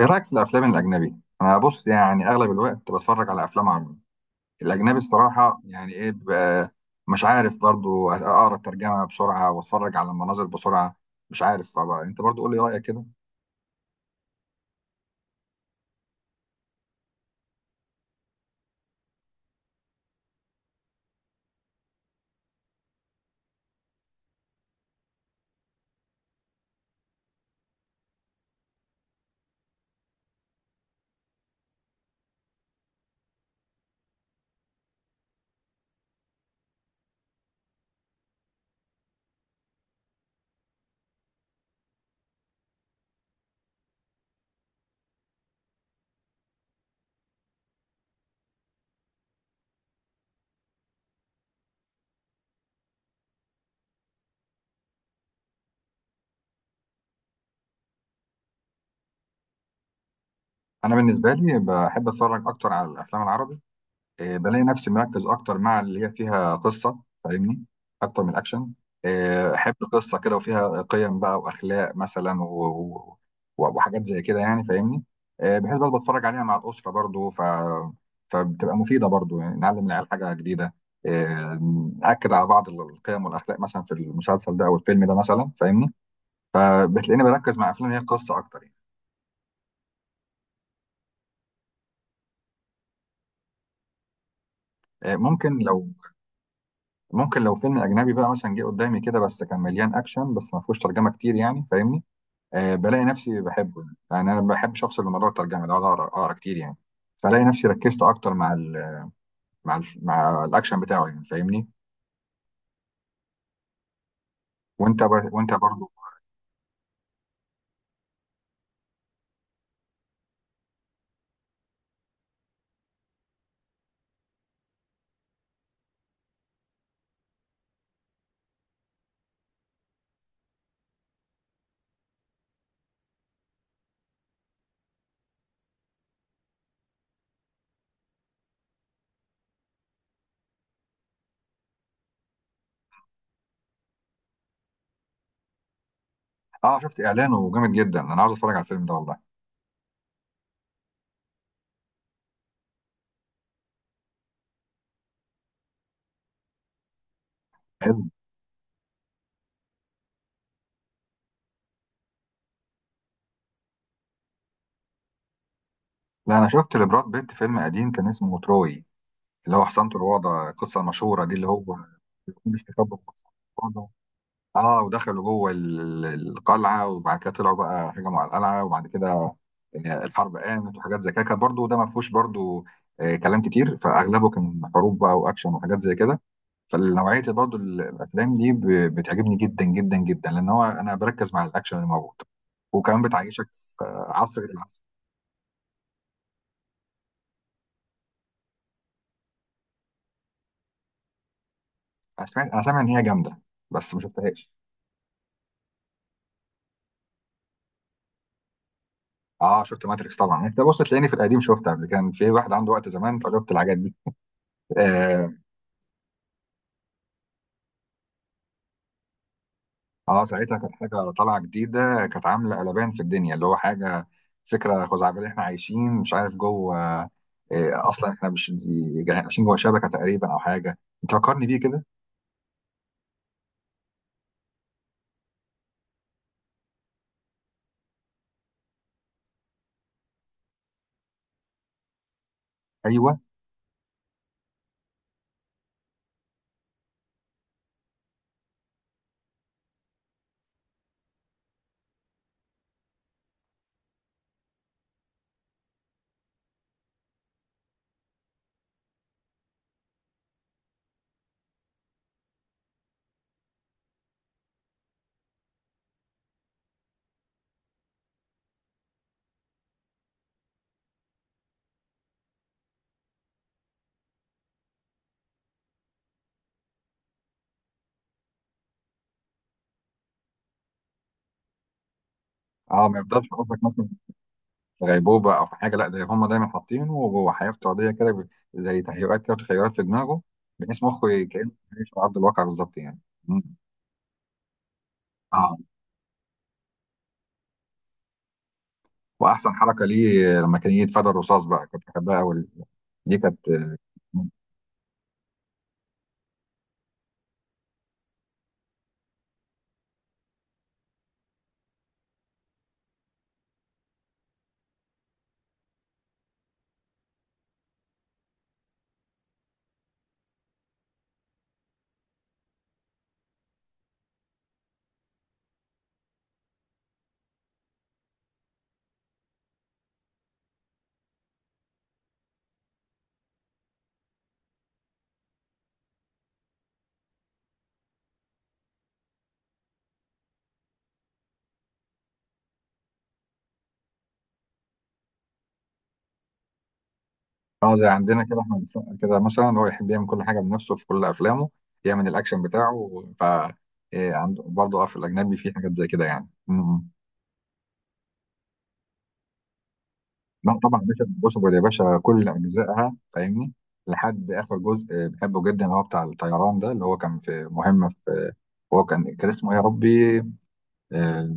ايه رايك في الافلام الاجنبي؟ انا بص، يعني اغلب الوقت بتفرج على افلام عربي. الاجنبي الصراحه يعني ايه، بيبقى مش عارف برضو اقرا الترجمه بسرعه واتفرج على المناظر بسرعه. مش عارف بقى. انت برضو قول لي رايك كده. انا بالنسبه لي بحب اتفرج اكتر على الافلام العربي. آه، بلاقي نفسي مركز اكتر مع اللي هي فيها قصه، فاهمني؟ اكتر من الاكشن. آه، احب قصه كده وفيها قيم بقى واخلاق مثلا وحاجات زي كده، يعني فاهمني. آه، بحيث برضه بتفرج عليها مع الاسره برضه فبتبقى مفيده برضه، يعني نعلم العيال حاجه جديده. آه، ناكد على بعض القيم والاخلاق مثلا في المسلسل ده او الفيلم ده مثلا، فاهمني؟ آه، بتلاقيني بركز مع افلام هي قصه اكتر يعني. آه، ممكن لو فيلم اجنبي بقى مثلا جه قدامي كده، بس كان مليان اكشن بس ما فيهوش ترجمه كتير يعني، فاهمني؟ بلاقي نفسي بحبه يعني انا ما بحبش افصل من موضوع الترجمه ده اقعد أقرأ كتير يعني. فلاقي نفسي ركزت اكتر مع الاكشن بتاعه يعني، فاهمني؟ وانت برضو. اه، شفت اعلانه جامد جدا، انا عاوز اتفرج على الفيلم ده والله. حلو. لا، انا شفت لبراد بيت فيلم قديم كان اسمه تروي. اللي هو حصنته الوضع، القصه المشهوره دي اللي هو بيكون بيستخبى في حصنة الوضع. اه، ودخلوا جوه القلعه وبعد كده طلعوا بقى هجموا على القلعه، وبعد كده الحرب قامت وحاجات زي كده، كان برضه ده ما فيهوش برضه كلام كتير، فاغلبه كان حروب بقى واكشن وحاجات زي كده. فالنوعيه برضه الافلام دي بتعجبني جدا جدا جدا، لان هو انا بركز مع الاكشن اللي موجود، وكمان بتعيشك في عصر العسل. انا سامع ان هي جامده، بس ما شفتهاش. اه، شفت ماتريكس طبعا. انت بص، تلاقيني في القديم شفت قبل، كان في واحد عنده وقت زمان فشفت الحاجات دي آه، اه، ساعتها كانت حاجه طالعه جديده، كانت عامله قلبان في الدنيا، اللي هو حاجه فكره خزعبليه احنا عايشين مش عارف جوه اصلا احنا مش عايشين جوه شبكه تقريبا او حاجه. انت فكرني بيه كده. ايوه. اه، ما يفضلش قصدك مثلا في غيبوبه او في حاجه؟ لا، ده هم دايما حاطينه وهو حياه افتراضيه كده، زي تهيؤات كده وتخيلات في دماغه، بحيث مخه كانه عايش على ارض الواقع بالظبط يعني. مم. اه، واحسن حركه ليه لما كان يتفادى الرصاص بقى، كنت بحبها قوي. دي كانت. اه، زي عندنا كده احمد السقا كده مثلا، هو يحب يعمل كل حاجه بنفسه في كل افلامه، يعمل الاكشن بتاعه إيه. عنده برضه اه في الاجنبي في حاجات زي كده يعني لا طبعا باشا، بص يا باشا، كل اجزائها فاهمني. لحد اخر جزء آه، بحبه جدا، اللي هو بتاع الطيران ده، اللي هو كان في مهمه هو كان اسمه ايه يا ربي؟ آه،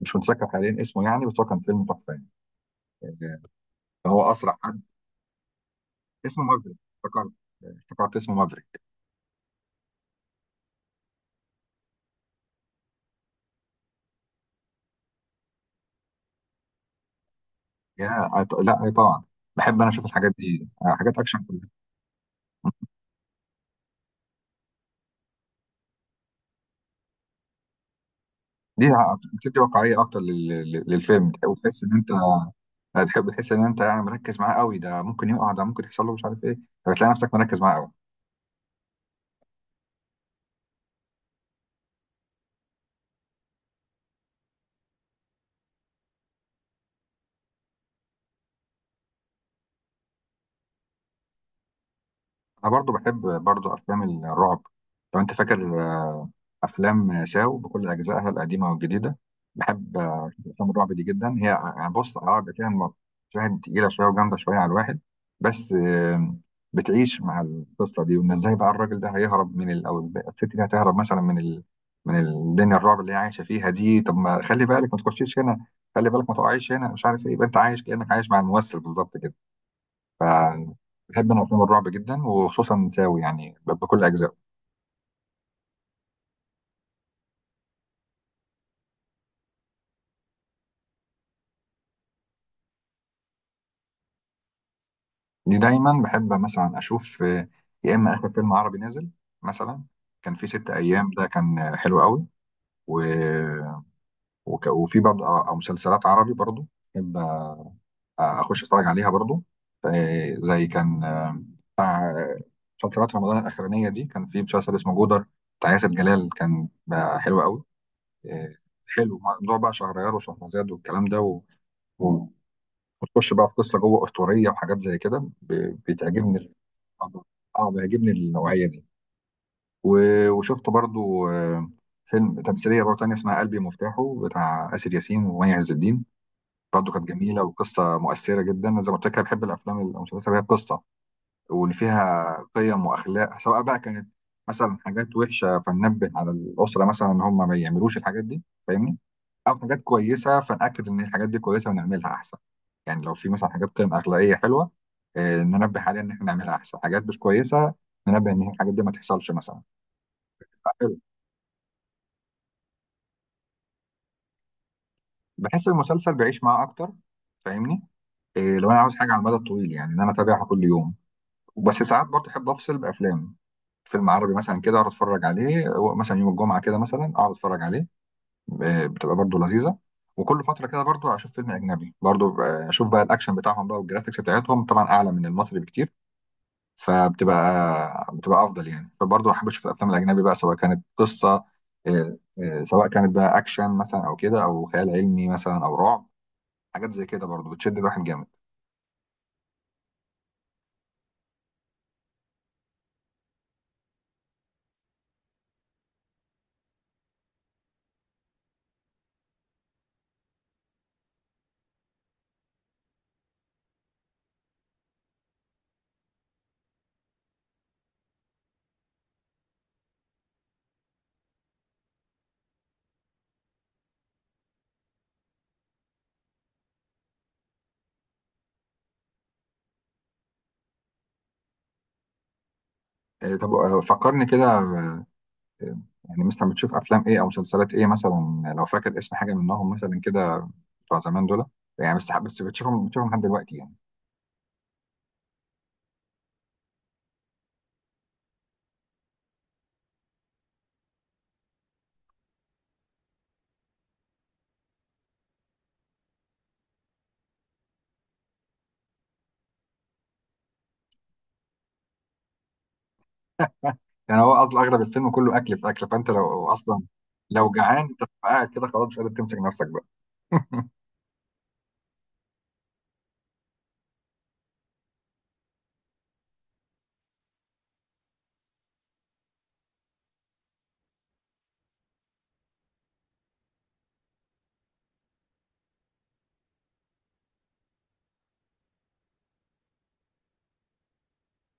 مش متذكر حاليا اسمه يعني، بس هو كان فيلم تحفه يعني. آه، هو اسرع حد. اسمه مافريك. افتكرت. افتكرت اسمه مافريك. لا، إيه طبعا. بحب انا اشوف الحاجات دي، آه، حاجات اكشن كلها. دي بتدي واقعيه اكتر للفيلم، وتحس ان انت هتحب تحس ان انت يعني مركز معاه قوي. ده ممكن يقع، ده ممكن يحصل له، مش عارف ايه، فبتلاقي نفسك مركز معاه قوي. انا برضو بحب برضو افلام الرعب، لو انت فاكر. افلام ساو بكل اجزائها القديمه والجديده، بحب افلام الرعب دي جدا. هي يعني بص عقد فيها مشاهد تقيله شويه وجامده شويه على الواحد. بس بتعيش مع القصه دي، وان ازاي بقى الراجل ده هيهرب من او الست دي هتهرب مثلا من الدنيا الرعب اللي هي عايشه فيها دي. طب ما خلي بالك ما تخشيش هنا، خلي بالك ما تقعيش هنا، مش عارف ايه، يبقى انت عايش كانك عايش مع الممثل بالظبط كده. فبحب انا افلام الرعب جدا، وخصوصا ساوي يعني بكل اجزائه. دي دايما بحب مثلا اشوف يا اما اخر فيلم عربي نازل مثلا. كان في ست ايام ده كان حلو قوي. و... وفي برضه او مسلسلات عربي برضه بحب اخش اتفرج عليها برضه. ف- زي كان مسلسلات رمضان الاخرانيه دي كان في مسلسل اسمه جودر بتاع ياسر جلال، كان بقى حلو قوي. آه، حلو موضوع بقى شهريار وشهرزاد والكلام ده، و... وتخش بقى في قصه جوه اسطوريه وحاجات زي كده، بتعجبني اه، بيعجبني النوعيه دي. وشفت برضو فيلم تمثيليه برضو تانية اسمها قلبي مفتاحه بتاع آسر ياسين ومي عز الدين، برضو كانت جميله وقصه مؤثره جدا. أنا زي ما قلت لك، أنا بحب الافلام المسلسلات اللي هي قصه، واللي فيها قيم واخلاق، سواء بقى كانت مثلا حاجات وحشه فننبه على الاسره مثلا ان هم ما يعملوش الحاجات دي، فاهمني؟ او حاجات كويسه فنأكد ان الحاجات دي كويسه ونعملها احسن. يعني لو في مثلا حاجات قيم اخلاقيه حلوه ننبه عليها ان احنا نعملها احسن. حاجات مش كويسه ننبه ان الحاجات دي ما تحصلش مثلا. فحلو. بحس المسلسل بعيش معاه اكتر، فاهمني؟ إيه، لو انا عاوز حاجه على المدى الطويل يعني، ان انا اتابعها كل يوم. وبس ساعات برضه احب افصل بافلام، فيلم عربي مثلا كده اقعد اتفرج عليه مثلا يوم الجمعه كده مثلا اقعد اتفرج عليه. آه، بتبقى برضو لذيذه. وكل فتره كده برضو اشوف فيلم اجنبي برضو اشوف بقى الاكشن بتاعهم بقى، والجرافيكس بتاعتهم طبعا اعلى من المصري بكتير، فبتبقى افضل يعني. فبرضو احب اشوف الافلام الاجنبي بقى، سواء كانت قصه آه، سواء كانت بقى اكشن مثلا او كده، او خيال علمي مثلا او رعب، حاجات زي كده برضو بتشد الواحد جامد. آه، طب فكرني كده يعني مثلا بتشوف افلام ايه او مسلسلات ايه مثلا، لو فاكر اسم حاجه منهم مثلا كده، بتوع زمان دول يعني، بس بتشوفهم بتشوفهم لحد دلوقتي يعني. يعني هو اغلب الفيلم كله اكل في اكل، فانت لو اصلا لو جعان انت بتبقى قاعد كده خلاص مش قادر تمسك نفسك بقى.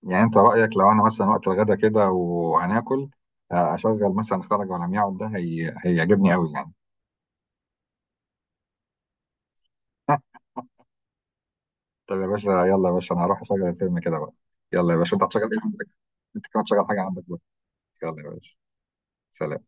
يعني انت رايك لو انا مثلا وقت الغدا كده وهناكل، آه، اشغل مثلا خرج ولم يعد ده، هيعجبني قوي يعني. طب يا باشا، يلا يا باشا، انا هروح اشغل الفيلم كده بقى. يلا يا باشا، انت هتشغل ايه عندك؟ انت كمان تشغل حاجه عندك بقى. يلا يا باشا. سلام.